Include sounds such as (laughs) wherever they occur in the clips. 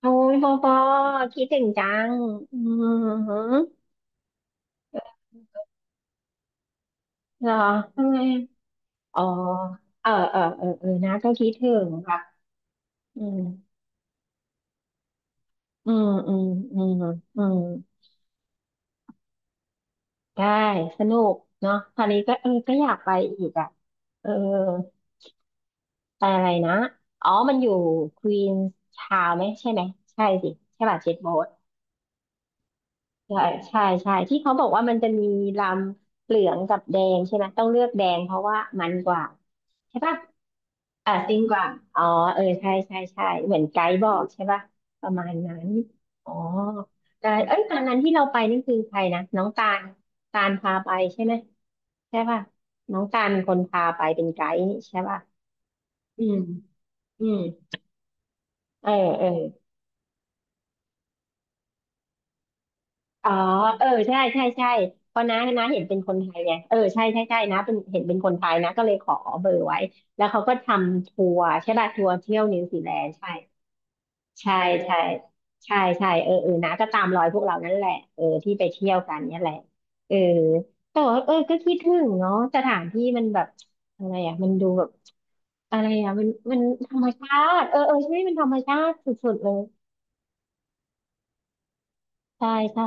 โอ้ยปอปอคิดถึงจังอืมหือเหรอทำไมอ๋อเออนะก็คิดถึงค่ะอืมอืมอืมอืมอืมได้สนุกเนาะตอนนี้ก็ก็อยากไปอีกอ่ะเออไปอะไรนะอ๋อมันอยู่ควีนชาวไหมใช่ไหมใช่สิใช่ป่ะเจ็ตโบ๊ทใช่ใช่ที่เขาบอกว่ามันจะมีลำเหลืองกับแดงใช่ไหมต้องเลือกแดงเพราะว่ามันกว่าใช่ป่ะ ซิ่งกว่างอ๋อเออใช่เหมือนไกด์บอกใช่ป่ะประมาณนั้นอ๋อแต่เอ้ยตอนนั้นที่เราไปนี่คือใครนะน้องตาลตาลพาไปใช่ไหมใช่ป่ะน้องตาลเป็นคนพาไปเป็นไกด์นี่ใช่ป่ะอืมอืมเออเอออ๋อเออใช่เพราะน้าเห็นเป็นคนไทยไงเออใช่นะเป็นเห็นเป็นคนไทยนะก็เลยขอเบอร์ไว้แล้วเขาก็ทำทัวร์ใช่ป่ะทัวร์เที่ยวนิวซีแลนด์ใช่ ใช่ใช่ใช่เออนะก็ตามรอยพวกเรานั่นแหละเออที่ไปเที่ยวกันเนี่ยแหละเออแต่ว่าเออก็คิดถึงเนาะสถานที่มันแบบอะไรอ่ะมันดูแบบอะไรอ่ะมันธรรมชาติเออใช่มันธรรมชาติสุดๆเลย ใช่ใช่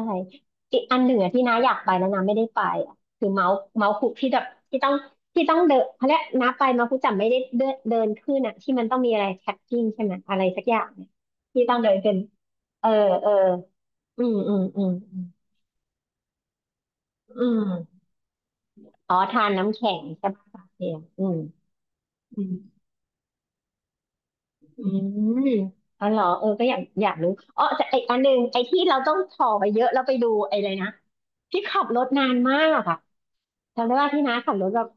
อีกอันหนึ่งอะที่น้าอยากไปแล้วน้าไม่ได้ไปอะคือเมาส์คุกที่แบบที่ต้องที่ต้องเดินเขาเรียกน้าไปเมาส์คุกจำไม่ได้เดินเดินขึ้นอะที่มันต้องมีอะไรแท็กกิ้งใช่ไหมอะไรสักอย่างเนี่ยที่ต้องเดินเป็นเออเอออืมอืมอืมอืมอืมอ๋อทานน้ำแข็งใช่ปะปะเทียมอืมเอาเหรอเออก็อยากรู้อ๋อแต่ไออันหนึ่งไอที่เราต้องถ่อไปเยอะเราไปดูไออะไรนะที่ขับรถนานมากอะจำได้ว่าที่น้าขับรถแบบ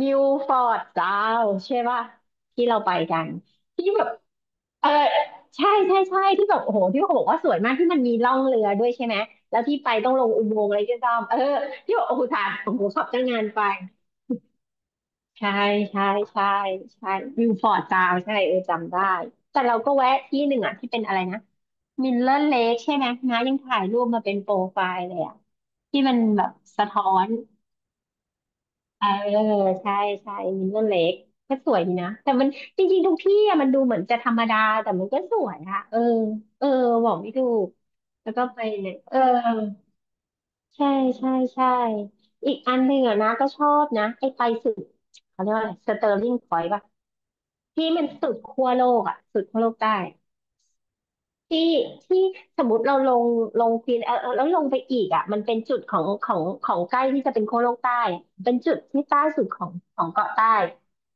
นิวฟอร์ดซาวใช่ป่ะที่เราไปกันที่แบบเออใช่ที่แบบโอ้โหที่เขาบอกว่าสวยมากที่มันมีล่องเรือด้วยใช่ไหมแล้วที่ไปต้องลงอุโมงค์อะไรก็ตามเออที่บอกโอ้โหทานโอ้โหขับตั้งนานไป ใช่ใช่ใช่ใช่วิวฟอร์ดจาวใช่เออจำได้แต่เราก็แวะที่หนึ่งอ่ะที่เป็นอะไรนะมิลเลอร์เลคใช่ไหมนะยังถ่ายรูปมาเป็นโปรไฟล์เลยอ่ะที่มันแบบสะท้อนเออใช่ใช่มิลเลอร์เลคก็สวยดีนะแต่มันจริงๆทุกที่อ่ะมันดูเหมือนจะธรรมดาแต่มันก็สวยอะเออบอกไม่ถูกแล้วก็ไปเนี่ยเออใช่ใช่อีกอันหนึ่งอ่ะนะก็ชอบนะไอ้ไปสุดเขาเรียกว่าอะไรสเตอร์ลิงพอยต์ป่ะ ที่มันสุดขั้วโลกอ่ะสุดขั้วโลกใต้ ที่ที่สมมติเราลงฟินเออแล้วลงไปอีกอ่ะมันเป็นจุดของใกล้ที่จะเป็นขั้วโลกใต้อะเป็นจุดที่ใต้สุดของเกาะใต้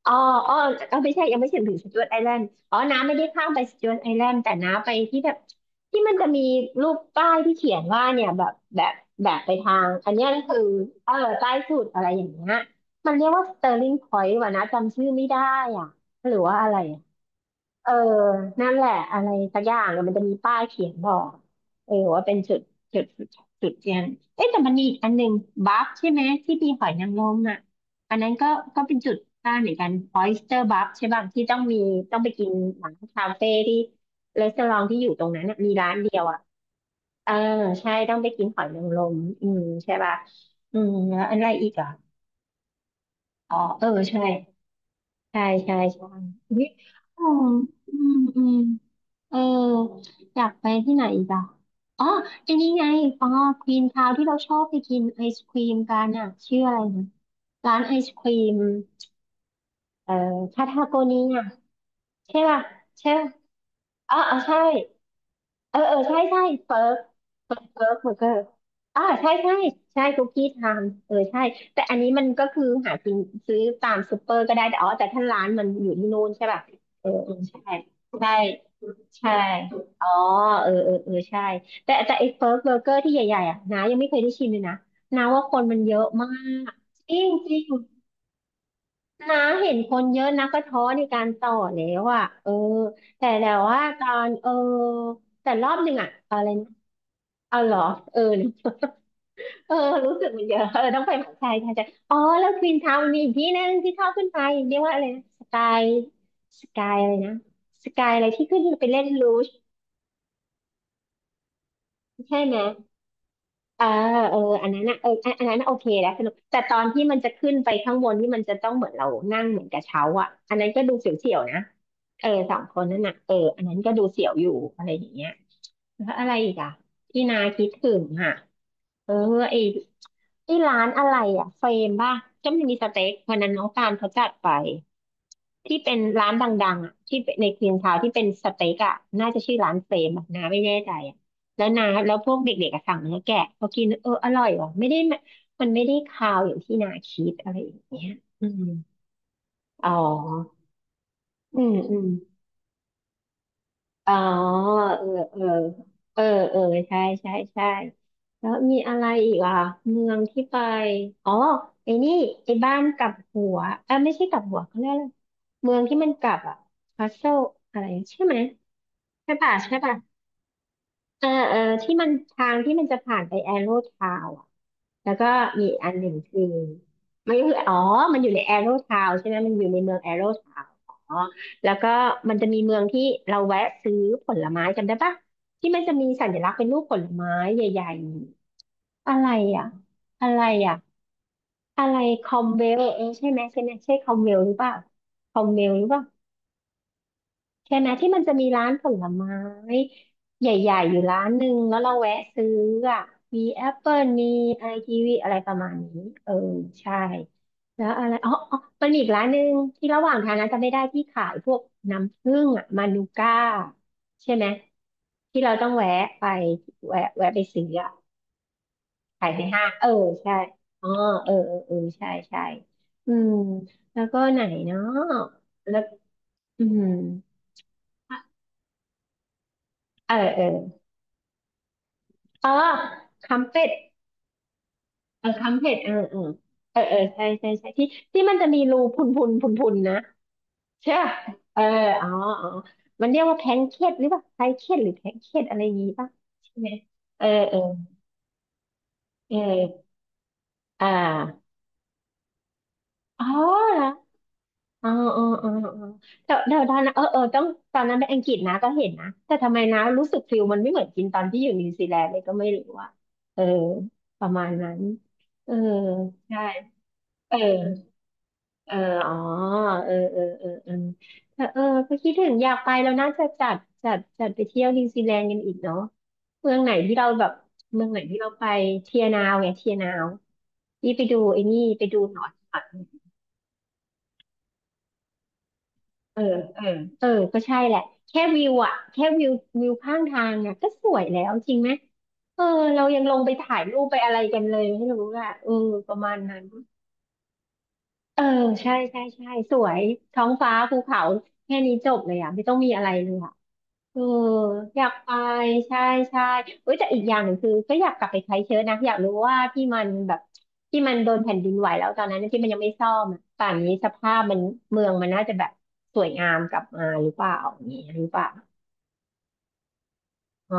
อ๋ออ๋อเออไม่ใช่ ยังไม่ถึงสจ๊วตไอแลนด์อ๋อน้าไม่ได้ข้ามไปสจ๊วตไอแลนด์แต่น้าไปที่แบบที่มันจะมีรูปป้ายที่เขียนว่าเนี่ยแบบไปทางอันเนี้ยก็คือเออใต้สุดอะไรอย่างเงี้ยมันเรียกว่าสเตอร์ลิงพอยต์ว่ะนะจำชื่อไม่ได้อ่ะหรือว่าอะไร เออนั่นแหละอะไรสักอย่างเนี่ยมันจะมีป้ายเขียนบอกเออว่าเป็นจุดจุดเทียนเอ๊ะแต่มันมีอีกอันหนึ่งบัฟใช่ไหมที่มีหอยนางรมอ่ะอันนั้นก็เป็นจุดได้เหมือนกันออยสเตอร์บัฟใช่ป่ะที่ต้องมีต้องไปกินร้านคาเฟ่ที่รีสอร์ทที่อยู่ตรงนั้นน่ะมีร้านเดียวอ่ะเออใช่ต้องไปกินหอยนางรมใช่ป่ะแล้วอันอะไรอีกอ่ะอ๋อเออใช่ใช่อุ๊ยอ๋ออืมอืม เอออยากไปที่ไหนอีกอ่ะอ๋อไอันนี้ไงอ๋อควีนทาวที่เราชอบไปกินไอศครีมกันอ่ะชื่ออะไรนะร้านไอศครีมคาทาโกเนียใช่ป่ะใช่ป่ะอ๋อใช่เออใช่ใช่เฟิร์กเบอร์เกอร์อ่าใช่คุกกี้ทำเออใช่แต่อันนี้มันก็คือหากินซื้อตามซูเปอร์ก็ได้แต่อ๋อแต่ถ้าร้านมันอยู่ที่นู่นใช่ป่ะเออใช่ ใช่ อ๋อเออใช่ แต่ไอ้เฟิร์กเบอร์เกอร์ที่ใหญ่ๆอ่ะนายังไม่เคยได้ชิมเลยนะนาว่าคนมันเยอะมากจริงจริงนาเห็นคนเยอะนะก็ท้อในการต่อแล้วอ่ะเออ แต่ว่าตอนเออ แต่รอบหนึ่งอ่ะอะไรนะเอาเหรอเออเออรู้สึกมันเยอะเออต้องไปหาใครใช่ใช่อ๋อแล้วควีนทาวน์มีอีกที่นึงที่เข้าขึ้นไปเรียกว่าอะไรนะสกายสกายอะไรนะสกายอะไรที่ขึ้นไปเล่นรูชใช่ไหม อ่าเอออันนั้นนะเอออันนั้นน่ะโอเคแล้วสนุกแต่ตอนที่มันจะขึ้นไปข้างบนที่มันจะต้องเหมือนเรานั่งเหมือนกระเช้าอ่ะอันนั้นก็ดูเสียวๆนะเออสองคนนั่นน่ะเอออันนั้นก็ดูเสียวอยู่อะไรอย่างเงี้ยแล้วอะไรอีกอ่ะที่นาคิดถึงอ่ะเออไอ้ที่ร้านอะไรอ่ะเฟรมป่ะก็มันมีสเต็กวันนั้นน้องการเขาจัดไป ที่เป็นร้านดังๆอ่ะที่ในคลีนทาวนที่เป็นสเต็กอ่ะน่าจะชื่อร้านเฟรมอะนะไม่แน่ใจอ่ะแล้วนบแล้วพวกเด็กๆอะสั่งเนื้อแกะพอกินเอออร่อยว่ะไม่ได้มมันไม่ได้คาวอย่างที่นาคิดอะไรอย่างเงี้ยอืมอ๋ออืมอืม อ๋อเออเออเออเออใช่ใช่ใช่แล้วมีอะไรอีกอ่ะเมืองที่ไปอ๋อไอ้นี่ไอ้บ้านกลับหัวอ่ะไม่ใช่กลับหัวเขาเรียกอะไรเมืองที่มันกลับอ่ะคาสเซิลอะไรใช่ไหม ใช่ป่ะใช่ป่ะ เออเออที่มันทางที่มันจะผ่านไปแอโรทาวอ่ะแล้วก็มีอีกอันหนึ่งคือมันก็คืออ๋อมันอยู่ในแอโรทาวใช่ไหมมันอยู่ในเมืองแอโรทาวอ๋อแล้วก็มันจะมีเมืองที่เราแวะซื้อผลไม้จำได้ปะที่มันจะมีสัญลักษณ์เป็นรูปผลไม้ใหญ่ๆอะไรอ่ะอะไรอ่ะอะไรคอมเวลเออใช่ไหมใช่ไหมใช่คอมเวลหรือเปล่าคอมเวลหรือเปล่า ใช่ไหมที่มันจะมีร้านผลไม้ใหญ่ๆอยู่ร้านหนึ่งแล้วเราแวะซื้ออ่ะมีแอปเปิลมีไอกีวีอะไรประมาณนี้เออใช่แล้วอะไรอ๋ออ๋อมันมีอีกร้านหนึ่งที่ระหว่างทางนั้นจะไม่ได้ที่ขายพวกน้ำผึ้งอ่ะมานูก้าใช่ไหมที่เราต้องแวะไปแวะไปซื้ออ่ะขายในห้างเออใช่อ๋อเออเออเออใช่ใช่อืมแล้วก็ไหนเนาะแล้วอืมเออเออ เออคัมเป็ดเออคัมเป็ดเออเออเออเออใช่ใช่ใช่ที่มันจะมีรูพุนพุนพุนพุนนะใช่ปะเอออ๋ออ๋อมันเรียกว่าแพนเค้กหรือเปล่าไพเค้กหรือแพนเค้กอะไรอย่างงี้ป่ะใช่ไหมเออเออเอออ่าอ๋อเหรออ๋ออ๋ออ๋ออ๋อเดี๋ยวเดี๋ยวตอนนั้นเออเออต้องตอนนั้นไปอังกฤษนะก็เห็นนะแต่ทำไมนะรู้สึกฟิลมันไม่เหมือนกินตอนที่อยู่นิวซีแลนด์เลยก็ไม่รู้ว่าเออประมาณนั้นเออใช่เออ เอออ๋อเออเออเออเออแต่เออก็คิดถึงอยากไปแล้วน่าจะจัดจัดไปเที่ยวนิวซีแลนด์กันอีกเนาะเมืองไหนที่เราแบบเมืองไหนที่เราไปเทียนาวไงเทียนาวนี่ไปดูไอ้นี่ไปดูหนอนหันเออเออเออก็ใช่แหละแค่วิวอะแค่วิววิวข้างทางอะก็สวยแล้วจริงไหมเออเรายังลงไปถ่ายรูปไปอะไรกันเลยไม่รู้อะเออประมาณนั้น เออใช่ใช่ใช่สวยท้องฟ้าภูเขาแค่นี้จบเลยอ่ะไม่ต้องมีอะไรเลยอ่ะเอออยากไปใช่ใช่เอ้ยแต่อีกอย่างหนึ่งคือก็อยากกลับไปไครสต์เชิร์ชนะอยากรู้ว่าที่มันแบบที่มันโดนแผ่นดินไหวแล้วตอนนั้นที่มันยังไม่ซ่อมอะป่านนี้สภาพมันเมืองมันน่าจะแบบสวยงามกลับมาหรือเปล่าอย่างนี้หรือเปล่าอ๋อ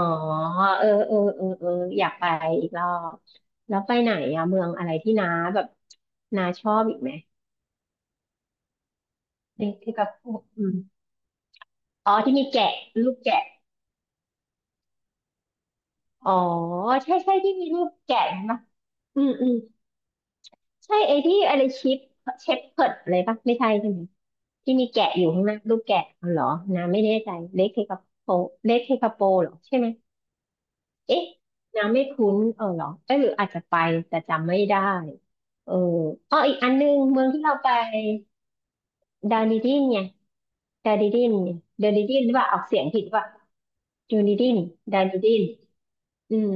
เออเออเออเอออยากไปอีกรอบแล้วไปไหนอะเมืองอะไรที่น้าแบบน้าชอบอีกไหมที่กับอืม อ๋อที่มีแกะรูปแกะอ๋อใช่ใช่ที่มีรูปแกะนะอืมอืมใช่ไอ้ที่อะไรชิปเชฟเพิร์ดอะไรปะไม่ใช่ใช่ไหมที่มีแกะอยู่ข้างหน้ารูปแกะอ๋อเหรอน้ำไม่แน่ใจเล็กเทคาโปเล็กเทคาโปเหรอใช่ไหมเอ๊ะน้ำไม่คุ้นเออเหรอเอ๊ะหรืออาจจะไปแต่จำไม่ได้เอออีกอันนึงเมืองที่เราไปดานิดินไงดานิดินไงดานิดินหรือเปล่าออกเสียงผิดว่าดานิดินดานิดินอืม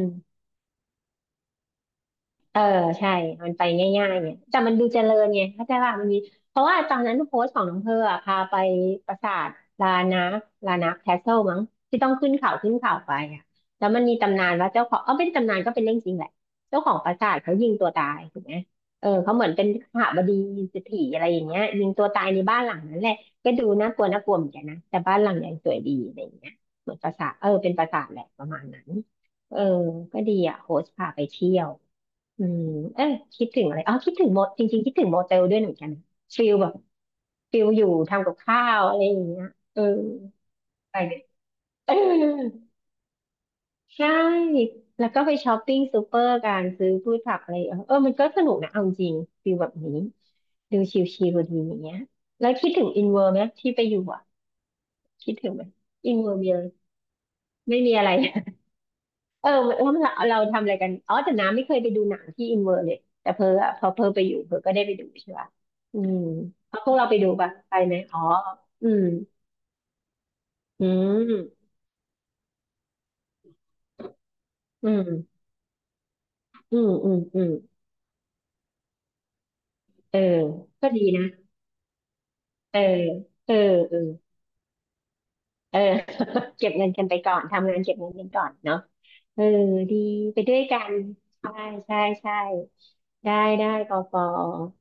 เออใช่ มันไปง่ายๆเนี่ยแต่มันดูเจริญไงเข้าใจว่ามันมีเพราะว่าตอนนั้นโพสต์ของน้องเพอร์อะพาไปปราสาทลานาแคสเซิลมั้งที่ต้องขึ้นเขาขึ้นเขาไปอ่ะแล้วมันมีตำนานว่าเจ้าของเออไม่ได้ตำนานก็เป็นเรื่องจริงแหละ เจ้าของปราสาทเขายิงตัวตายถูกไหมเออเขาเหมือนเป็นขหบดีเศรษฐีอะไรอย่างเงี้ยยิงตัวตายในบ้านหลังนั้นแหละก็ดูน่ากลัวน่ากลัวเหมือนกันนะแต่บ้านหลังใหญ่สวยดีอะไรอย่างเงี้ยเหมือนปราสาทเออเป็นปราสาทแหละประมาณนั้นเออก็ดีอ่ะโฮสพาไปเที่ยว อืมเออคิดถึงอะไรอ๋อคิดถึงโมจริงๆคิดถึงโมเตลด้วยเหมือนกันนะฟิลแบบฟิลอยู่ทำกับข้าวอะไรอย่างเงี้ยเออไปเลย (laughs) เออใช่แล้วก็ไปช้อปปิ้งซูเปอร์การซื้อพืชผักอะไรเออเออมันก็สนุกนะเอาจริงฟิลแบบนี้ดูชิลๆดีอย่างเงี้ยแล้วคิดถึงอินเวอร์ไหมที่ไปอยู่อ่ะคิดถึงไหมอินเวอร์มีอะไรไม่มีอะไร เออเออเราเราทำอะไรกันอ๋อแต่น้ำไม่เคยไปดูหนังที่อินเวอร์เลยแต่เพออะพอเพอไปอยู่เพอก็ได้ไปดูใช่ป่ะอืมเอาพวกเราไปดูป่ะไปไหมอ๋ออืมอืมอืมอืมอืมอืมเออก็ดีนะเออเออเออ เออ (laughs) เก็บเงินกันไปก่อน ทำงานเก็บเงินกันก่อนเนาะเออดีไปด้วยกัน ใช่ใช่ใช่ได้ได้ปอปอ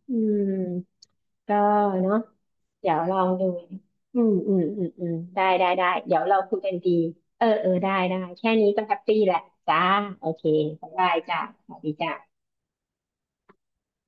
อืมก็เนาะเดี๋ยวลองดู อืมได้ได้เดี๋ยวเราคุยกันดี เออเออได้แค่นี้ก็แฮปปี้แหละจ้า โอเคบ๊ายบายจ้าสวัสดีจ้า